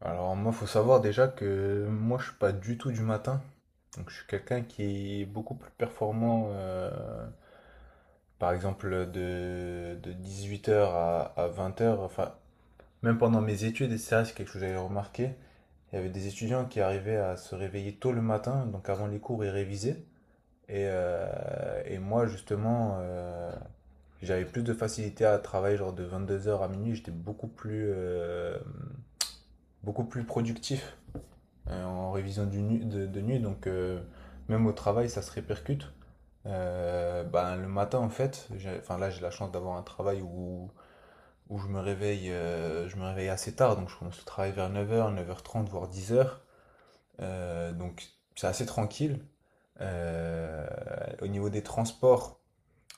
Alors moi, faut savoir déjà que moi, je suis pas du tout du matin. Donc je suis quelqu'un qui est beaucoup plus performant, par exemple, de 18h à 20h. Enfin, même pendant mes études, et ça, c'est quelque chose que j'avais remarqué. Il y avait des étudiants qui arrivaient à se réveiller tôt le matin, donc avant les cours, ils révisaient. Et moi, justement, j'avais plus de facilité à travailler genre de 22h à minuit. J'étais beaucoup plus productif en révision de nuit, donc même au travail, ça se répercute. Ben, le matin, en fait, enfin, là, j'ai la chance d'avoir un travail où je me réveille, je me réveille assez tard, donc je commence le travail vers 9h, 9h30, voire 10h. Donc c'est assez tranquille. Euh, au niveau des transports,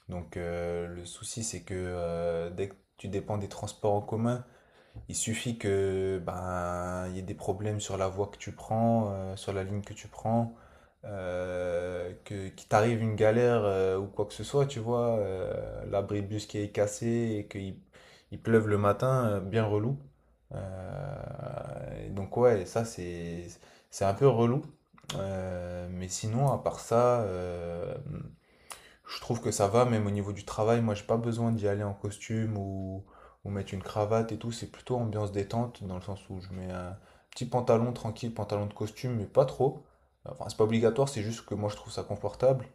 donc le souci, c'est que dès que tu dépends des transports en commun, il suffit que ben il y ait des problèmes sur la voie que tu prends, sur la ligne que tu prends, que qu'il t'arrive une galère ou quoi que ce soit, tu vois, l'abribus qui est cassé et qu'il il pleuve le matin, bien relou. Et donc ouais, ça c'est un peu relou. Mais sinon, à part ça, je trouve que ça va, même au niveau du travail, moi j'ai pas besoin d'y aller en costume ou mettre une cravate et tout, c'est plutôt ambiance détente, dans le sens où je mets un petit pantalon tranquille, pantalon de costume, mais pas trop. Enfin, c'est pas obligatoire, c'est juste que moi je trouve ça confortable.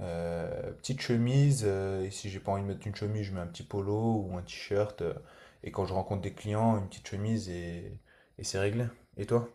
Petite chemise, et si j'ai pas envie de mettre une chemise, je mets un petit polo ou un t-shirt. Et quand je rencontre des clients, une petite chemise et c'est réglé. Et toi?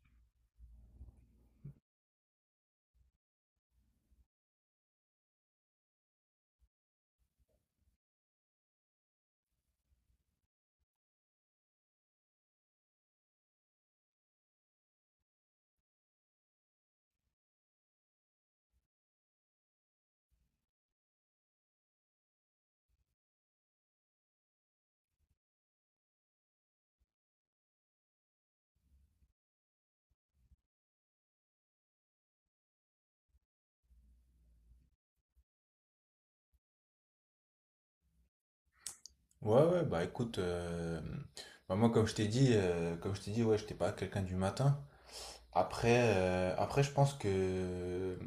Ouais, ouais, bah écoute, bah, moi comme je t'ai dit, comme je t'ai dit, ouais, j'étais pas quelqu'un du matin. Après, je pense que,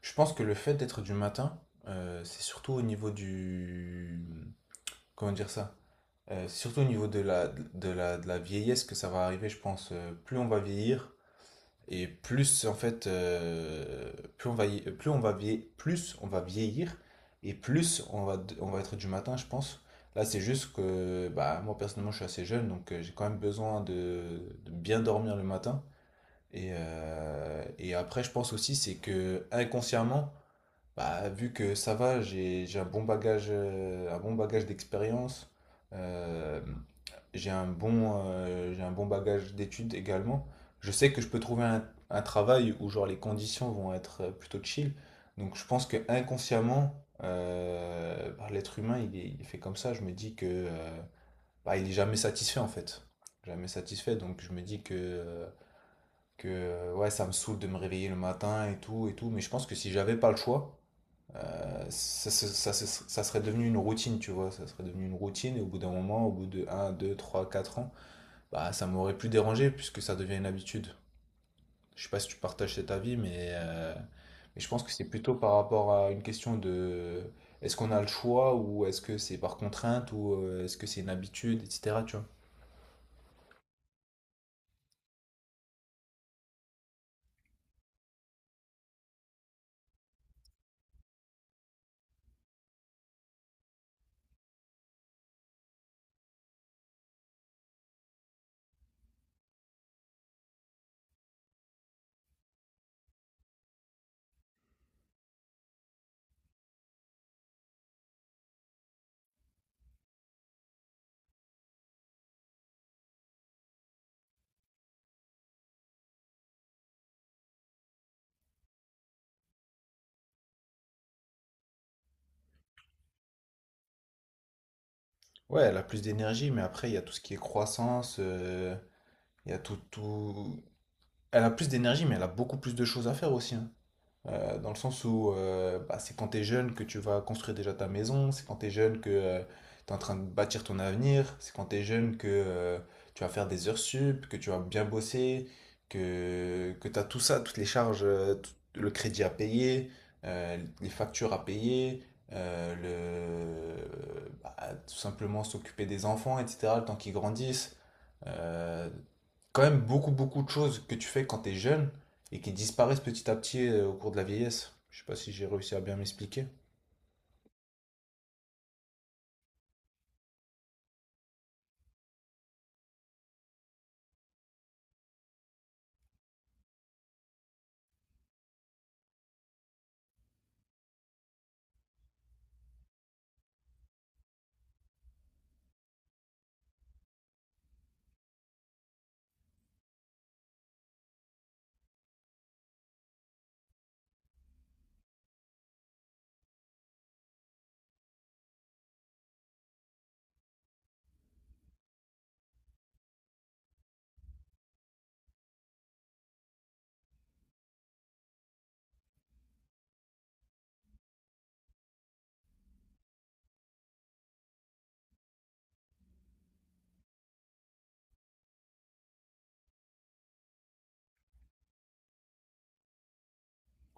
je pense que le fait d'être du matin, c'est surtout au niveau du, comment dire ça? C'est surtout au niveau de la vieillesse que ça va arriver, je pense. Plus on va vieillir, et plus en fait, plus on va vieillir et plus on va être du matin, je pense. Là, c'est juste que bah, moi personnellement, je suis assez jeune, donc j'ai quand même besoin de bien dormir le matin. Et après, je pense aussi, c'est que inconsciemment, bah, vu que ça va, j'ai un bon bagage d'expérience, euh, j'ai un bon bagage d'études également. Je sais que je peux trouver un travail où genre les conditions vont être plutôt chill. Donc je pense que inconsciemment, bah, l'être humain il est fait comme ça. Je me dis que bah, il est jamais satisfait en fait, jamais satisfait. Donc je me dis que ouais ça me saoule de me réveiller le matin et tout et tout. Mais je pense que si j'avais pas le choix ça, se- ça ça serait devenu une routine, tu vois, ça serait devenu une routine, et au bout d'un moment, au bout de un 2 3 4 ans, bah ça m'aurait plus dérangé, puisque ça devient une habitude. Je sais pas si tu partages cet avis, mais je pense que c'est plutôt par rapport à une question de est-ce qu'on a le choix, ou est-ce que c'est par contrainte, ou est-ce que c'est une habitude, etc., tu vois. Ouais, elle a plus d'énergie, mais après, il y a tout ce qui est croissance, il y a tout, tout. Elle a plus d'énergie, mais elle a beaucoup plus de choses à faire aussi, hein. Dans le sens où bah, c'est quand t'es jeune que tu vas construire déjà ta maison, c'est quand t'es jeune que t'es en train de bâtir ton avenir, c'est quand t'es jeune que tu vas faire des heures sup, que tu vas bien bosser, que t'as tout ça, toutes les charges, le crédit à payer, les factures à payer, bah, tout simplement s'occuper des enfants, etc., le temps qu'ils grandissent euh, quand même beaucoup, beaucoup de choses que tu fais quand tu es jeune et qui disparaissent petit à petit au cours de la vieillesse. Je sais pas si j'ai réussi à bien m'expliquer.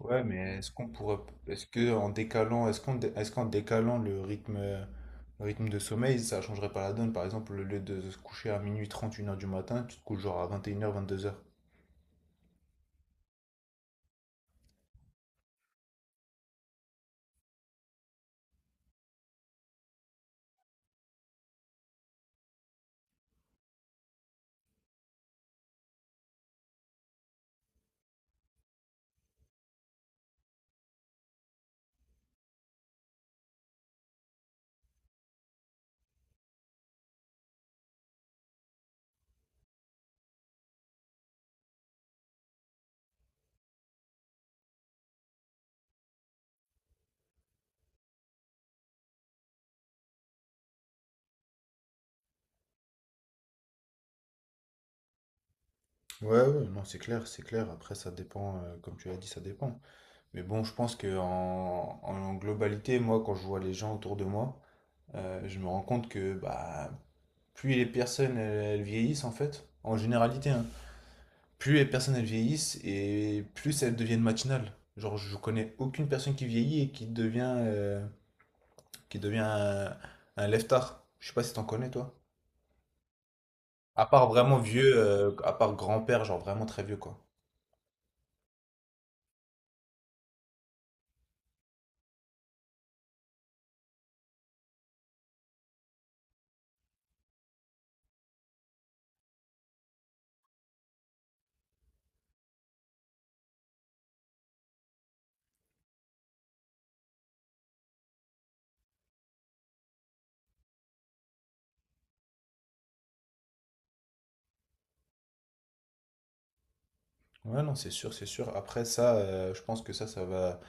Ouais, mais est-ce qu'en décalant le rythme de sommeil, ça changerait pas la donne? Par exemple, au lieu de se coucher à minuit trente, 1h du matin, tu te couches genre à 21h, 22h. Ouais, ouais, non, c'est clair, c'est clair. Après, ça dépend, comme tu l'as dit, ça dépend. Mais bon, je pense que en globalité, moi, quand je vois les gens autour de moi, je me rends compte que bah, plus les personnes elles vieillissent en fait, en généralité, hein, plus les personnes elles vieillissent et plus elles deviennent matinales. Genre je connais aucune personne qui vieillit et qui devient un lève-tard. Je sais pas si t'en connais toi. À part vraiment vieux, à part grand-père, genre vraiment très vieux quoi. Ouais non c'est sûr, c'est sûr. Après ça, je pense que ça va.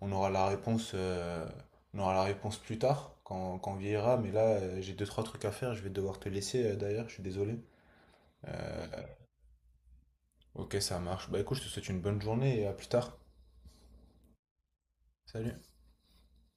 On aura la réponse, on aura la réponse plus tard, quand on vieillira. Mais là, j'ai deux, trois trucs à faire. Je vais devoir te laisser d'ailleurs, je suis désolé. Euh, ok, ça marche. Bah écoute, je te souhaite une bonne journée et à plus tard. Salut.